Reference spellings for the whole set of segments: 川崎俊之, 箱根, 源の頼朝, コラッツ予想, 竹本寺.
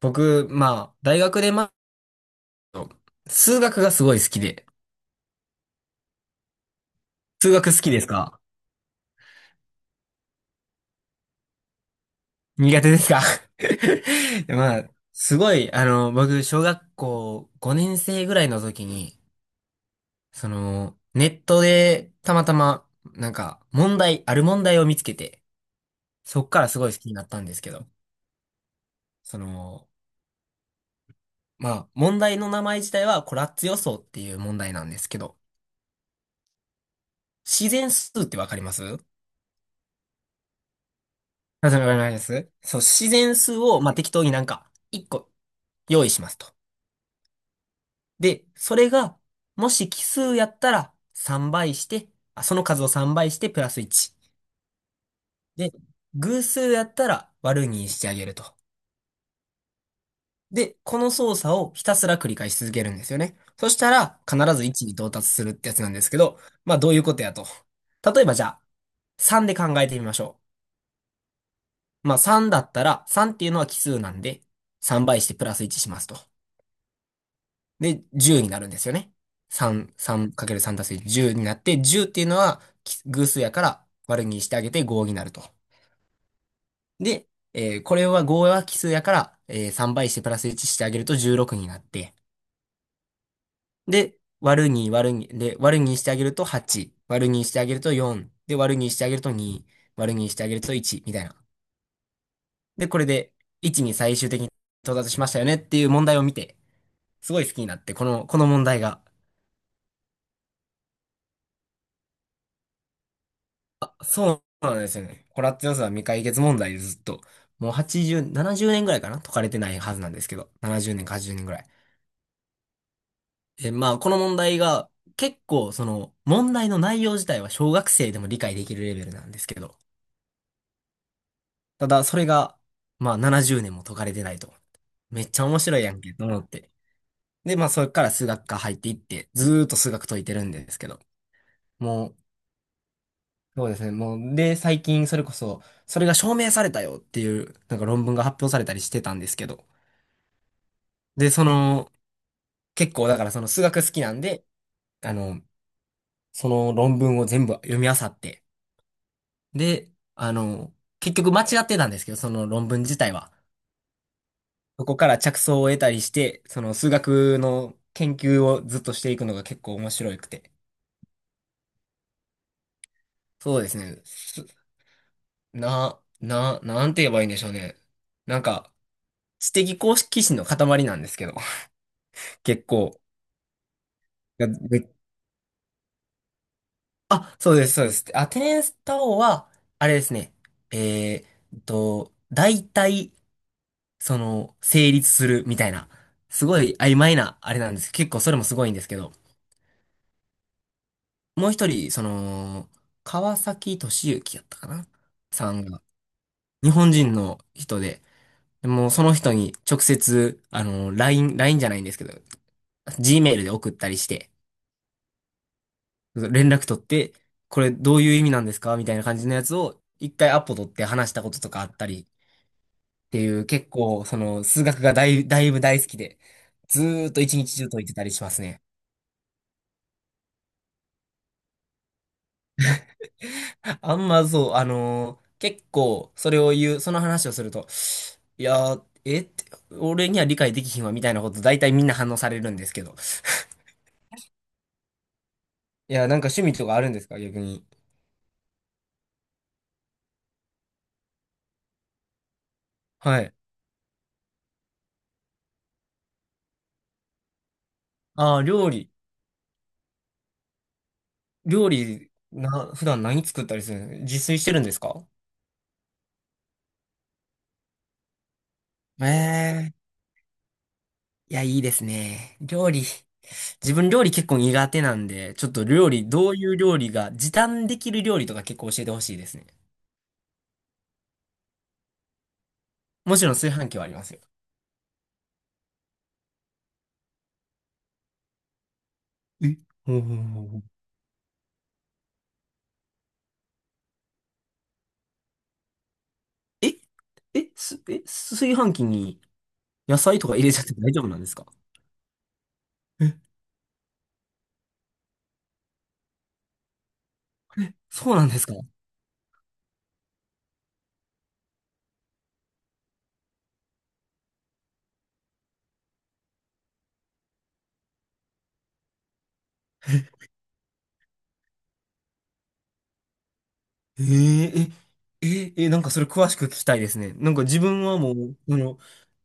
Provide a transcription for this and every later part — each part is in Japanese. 僕、まあ、大学で、まあ、数学がすごい好きで。数学好きですか？苦手ですか？ まあ、すごい、あの、僕、小学校5年生ぐらいの時に、その、ネットで、たまたま、なんか、ある問題を見つけて、そっからすごい好きになったんですけど、その、まあ、問題の名前自体は、コラッツ予想っていう問題なんですけど、自然数ってわかります？あ、それわかります。そう、自然数を、まあ、適当になんか、1個用意しますと。で、それが、もし奇数やったら3倍して、あ、その数を3倍してプラス1。で、偶数やったら割るにしてあげると。で、この操作をひたすら繰り返し続けるんですよね。そしたら、必ず1に到達するってやつなんですけど、まあどういうことやと。例えばじゃあ、3で考えてみましょう。まあ3だったら、3っていうのは奇数なんで、3倍してプラス1しますと。で、10になるんですよね。3、3×3 足す10になって、10っていうのは奇偶数やから割るにしてあげて5になると。で、これは5は奇数やから、3倍してプラス1してあげると16になって、で、割るにで、割るにしてあげると8、割るにしてあげると4、で、割るにしてあげると2、割るにしてあげると1、みたいな。で、これで1に最終的に到達しましたよねっていう問題を見て、すごい好きになって、この問題が。そうなんですよね。コラッツ予算は未解決問題でずっと、もう80、70年ぐらいかな解かれてないはずなんですけど、70年か80年ぐらい。で、まあ、この問題が、結構、その、問題の内容自体は小学生でも理解できるレベルなんですけど、ただ、それが、まあ、70年も解かれてないと。めっちゃ面白いやんけ、と思って。で、まあ、それから数学科入っていって、ずーっと数学解いてるんですけど、もう、そうですね。もう、で、最近それこそ、それが証明されたよっていう、なんか論文が発表されたりしてたんですけど。で、その、結構だからその数学好きなんで、あの、その論文を全部読み漁って。で、あの、結局間違ってたんですけど、その論文自体は。そこから着想を得たりして、その数学の研究をずっとしていくのが結構面白くて。そうですね。すな、な、なんて言えばいいんでしょうね。なんか、知的好奇心の塊なんですけど。結構。がめあ、そうです、そうです。アテネスタ王は、あれですね。え大体、その、成立するみたいな、すごい曖昧な、あれなんです。結構それもすごいんですけど、もう一人、その、川崎俊之やったかなさんが、日本人の人で、でもうその人に直接、あの、LINE、ラインじゃないんですけど、g メールで送ったりして、連絡取って、これどういう意味なんですかみたいな感じのやつを、一回アポ取って話したこととかあったりっていう、結構、その、数学がだいぶ大好きで、ずーっと一日中解いてたりしますね。あんまそう、結構、それを言う、その話をすると、いやー、えって、俺には理解できひんわ、みたいなこと、大体みんな反応されるんですけど。いや、なんか趣味とかあるんですか、逆に？はい。ああ、料理。料理、な、普段何作ったりするの？自炊してるんですか？ええ。いや、いいですね。料理。自分料理結構苦手なんで、ちょっと料理、どういう料理が、時短できる料理とか結構教えてほしいですね。もちろん炊飯器はありますよ。え。ほうほうほうほう。え、炊飯器に野菜とか入れちゃって大丈夫なんですか？え、そうなんですか？え。ええ、なんかそれ詳しく聞きたいですね。なんか自分はもう、あの、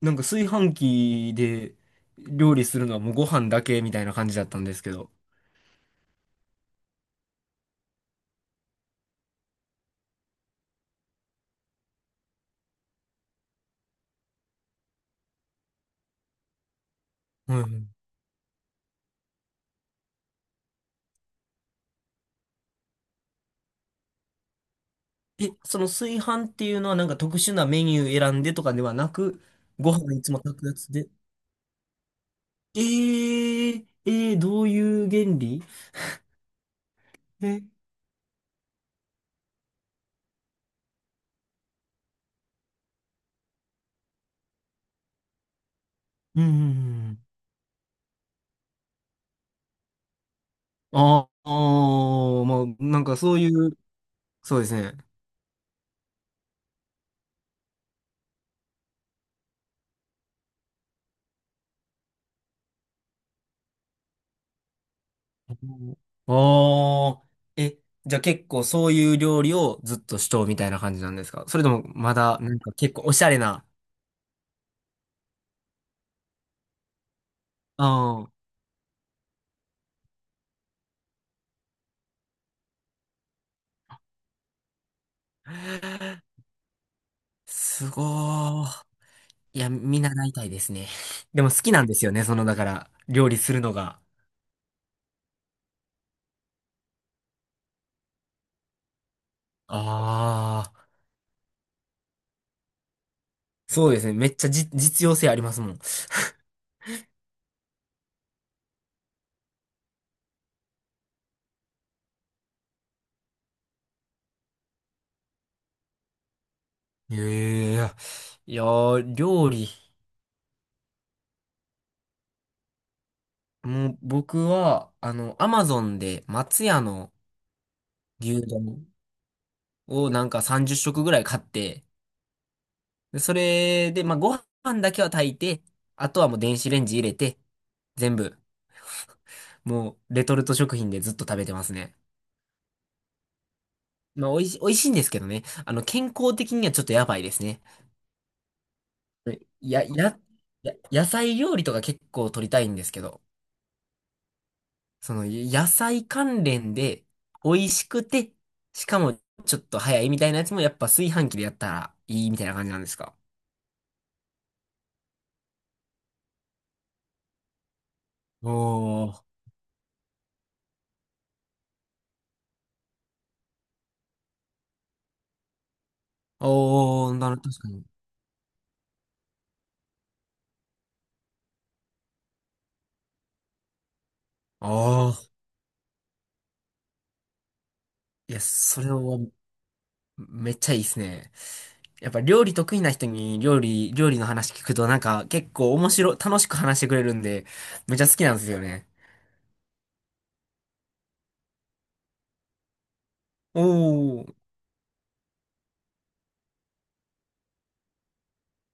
なんか炊飯器で料理するのはもうご飯だけみたいな感じだったんですけど。はいはい。え、その炊飯っていうのはなんか特殊なメニュー選んでとかではなく、ご飯いつも炊くやつで。どういう原理？うんうんうん。ああー、まあ、なんかそういう、そうですね。ああ、え、じゃあ結構そういう料理をずっとしとうみたいな感じなんですか？それともまだなんか結構おしゃれな？ああ、すごー。いや、見習いたいですね。でも好きなんですよね、その、だから、料理するのが。ああ、そうですね。めっちゃじ、実用性ありますもん。ええ、いやー、料理。もう、僕は、あの、アマゾンで松屋の牛丼をなんか30食ぐらい買って、でそれで、まあ、ご飯だけは炊いて、あとはもう電子レンジ入れて、全部、もう、レトルト食品でずっと食べてますね。まあ、美味しいんですけどね。あの、健康的にはちょっとやばいですね。や、や、や、野菜料理とか結構取りたいんですけど、その、野菜関連で、美味しくて、しかもちょっと早いみたいなやつもやっぱ炊飯器でやったらいいみたいな感じなんですか？おー、おー、確かに。ああ、いや、それはめっちゃいいですね。やっぱ料理得意な人に料理、の話聞くとなんか結構面白い、楽しく話してくれるんで、めっちゃ好きなんですよね。おー、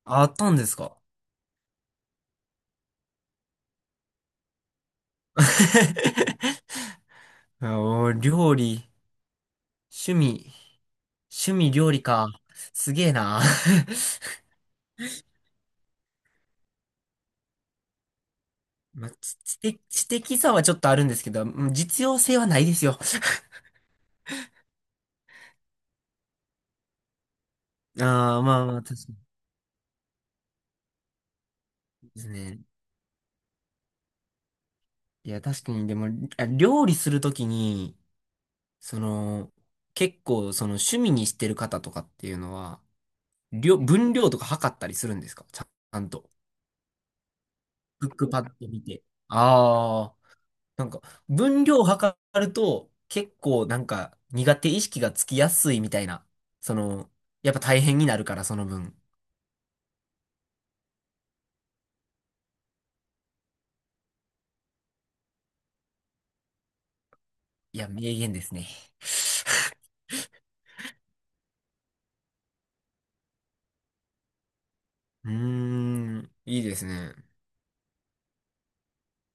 あったんですか？ おー、料理、趣味、趣味料理か。すげえな。まあ、知的さはちょっとあるんですけど、うん実用性はないですよ。ああ、まあまあ、確かにですね。いや、確かに、でも、あ料理するときに、その、結構、その趣味にしてる方とかっていうのは、分量とか測ったりするんですか、ちゃんと。クックパッド見て。ああ。なんか、分量を測ると、結構なんか苦手意識がつきやすいみたいな。その、やっぱ大変になるから、その分。いや、名言ですね。うーん、いいですね。